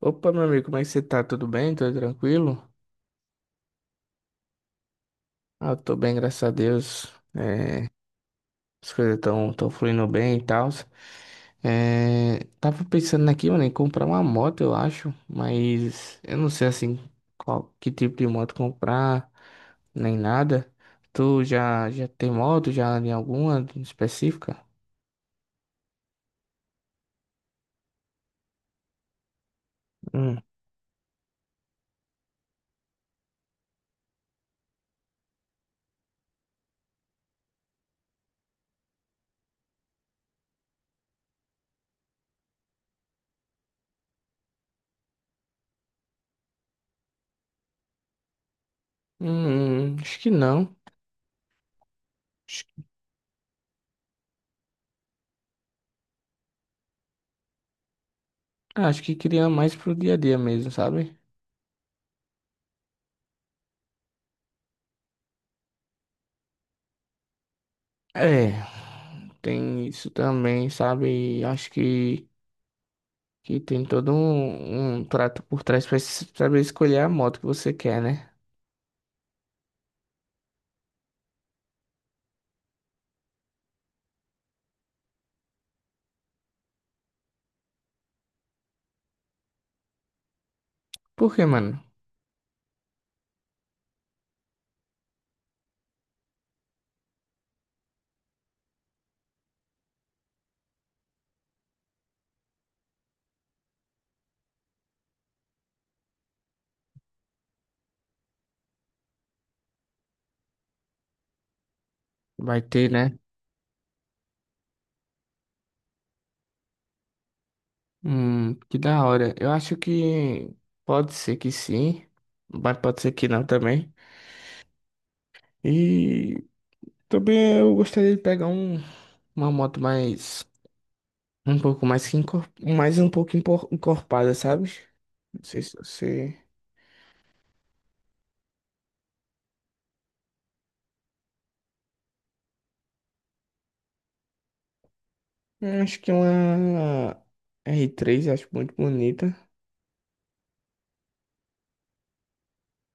Opa, meu amigo, como é que você tá? Tudo bem? Tudo tranquilo? Ah, eu tô bem, graças a Deus. É, as coisas estão tão fluindo bem e tal. É, tava pensando aqui, mano, em comprar uma moto, eu acho, mas eu não sei assim qual que tipo de moto comprar, nem nada. Tu já tem moto, já em alguma específica? Hum. Acho que não. Acho, acho que queria mais pro dia a dia mesmo, sabe? É. Tem isso também, sabe? E acho que tem todo um trato por trás pra saber escolher a moto que você quer, né? Porque, mano, vai ter, né? Que da hora. Eu acho que pode ser que sim, mas pode ser que não também. E também eu gostaria de pegar uma moto mais, um pouco mais um pouco encorpada, sabe? Não sei se você. Eu acho que uma r três acho muito bonita.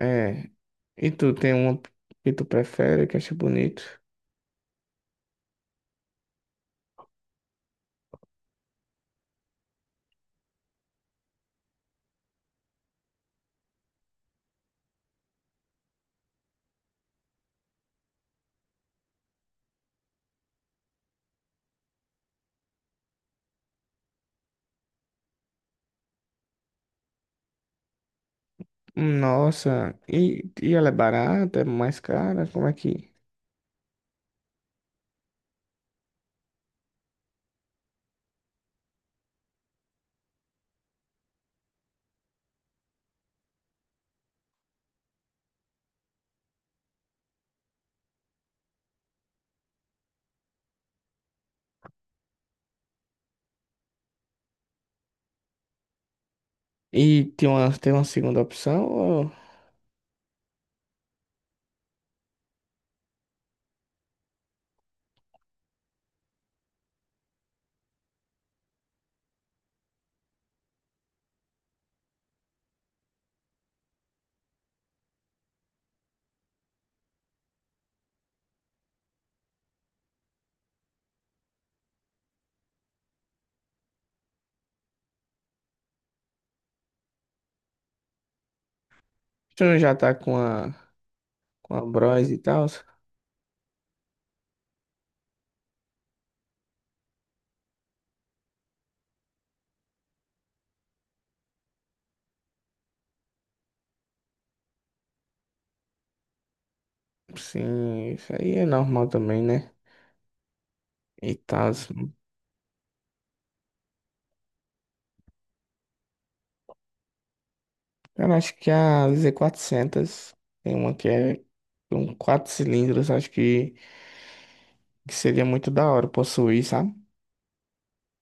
É. E tu tem uma que tu prefere, que acha bonito? Nossa, e ela é barata, é mais cara? Como é que. E tem uma segunda opção? Ou tu não já tá com a Bros e tal? Sim, isso aí é normal também, né? E tal. Cara, acho que a Z400 tem uma que é com quatro cilindros, acho que seria muito da hora possuir, sabe?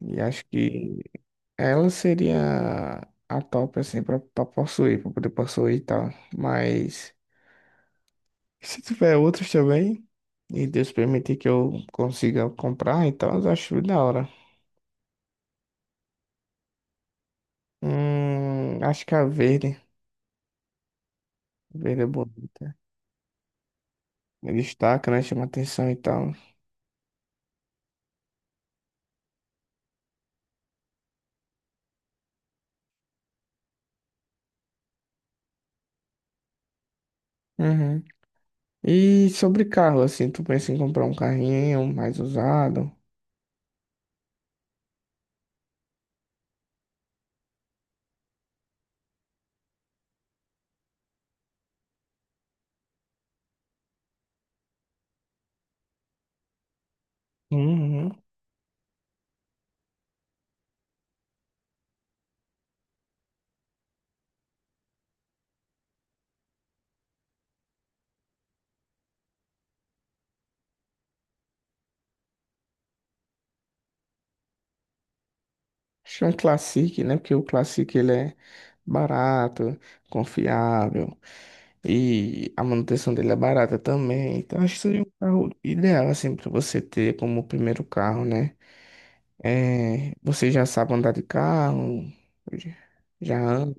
E acho que ela seria a top, assim, pra possuir, pra poder possuir e tal. Mas se tiver outros também, e Deus permitir que eu consiga comprar, então eu acho da hora. Acho que a verde. A verde é bonita. Ele destaca, né? Chama atenção e tal. Uhum. E sobre carro, assim, tu pensa em comprar um carrinho mais usado? Uhum. Acho que é um Classic, né? Porque o Classic, ele é barato, confiável. E a manutenção dele é barata também. Então acho que seria um carro ideal assim para você ter como primeiro carro, né? É, você já sabe andar de carro, já já anda.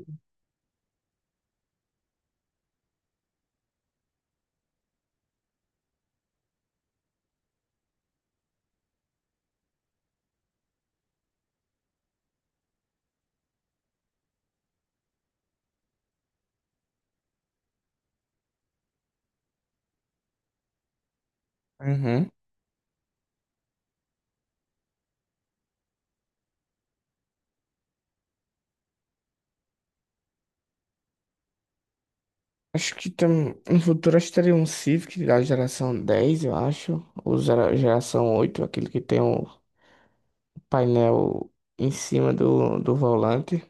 Uhum. Acho que no futuro acho que teria um Civic da geração 10, eu acho, ou geração 8, aquele que tem o painel em cima do volante,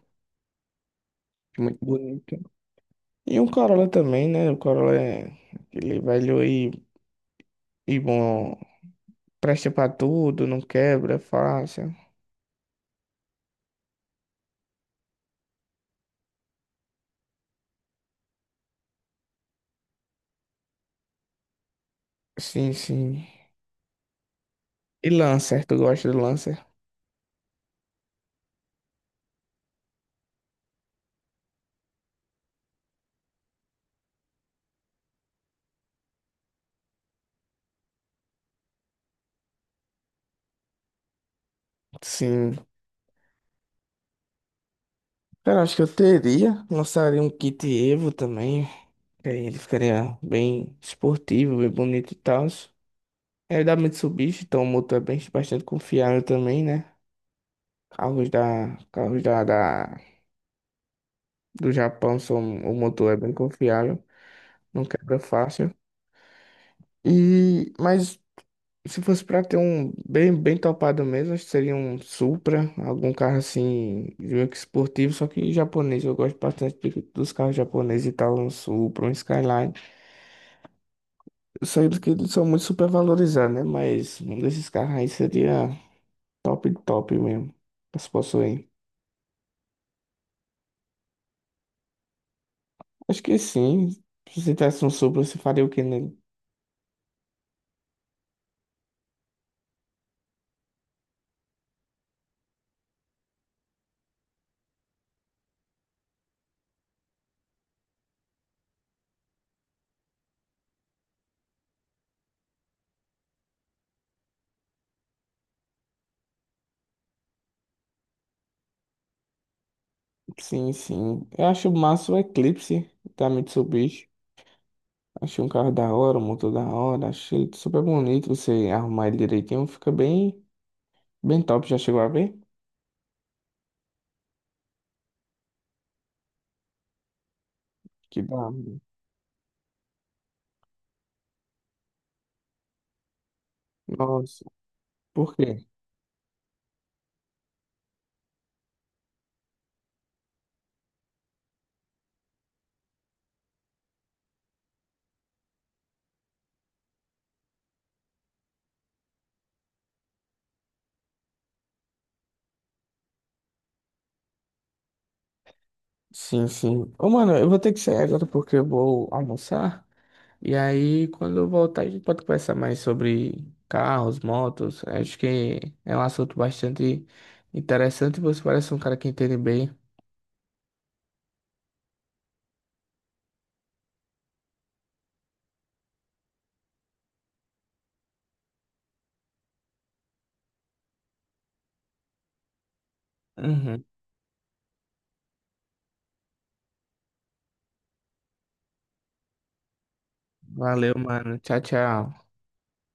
muito bonito. E um Corolla também, né? O Corolla é aquele velho e bom, presta pra tudo, não quebra, é fácil. Sim, sim. E Lancer, tu gosta do Lancer? Sim. Cara, acho que eu teria. Lançaria um kit Evo também. Que aí ele ficaria bem esportivo, bem bonito e tal. É da Mitsubishi, então o motor é bem, bastante confiável também, né? Carros do Japão são, o motor é bem confiável, não quebra fácil. E, mas se fosse pra ter um bem, bem topado mesmo, acho que seria um Supra, algum carro assim, meio que esportivo, só que japonês. Eu gosto bastante dos carros japoneses e tal, um Supra, um Skyline. Eu sei que eles são muito supervalorizados, né? Mas um desses carros aí seria top, top mesmo, pra se possuir. Acho que sim. Se você tivesse um Supra, você faria o que nele? Sim, sim. Eu acho massa o Eclipse da Mitsubishi. Achei um carro da hora, um motor da hora, achei ele super bonito. Você arrumar ele direitinho, fica bem, bem top. Já chegou a ver? Que da hora. Nossa, por quê? Sim, sim. Ô, mano, eu vou ter que sair agora porque eu vou almoçar. E aí, quando eu voltar, a gente pode conversar mais sobre carros, motos. Acho que é um assunto bastante interessante. E você parece um cara que entende bem. Uhum. Valeu, mano. Tchau, tchau.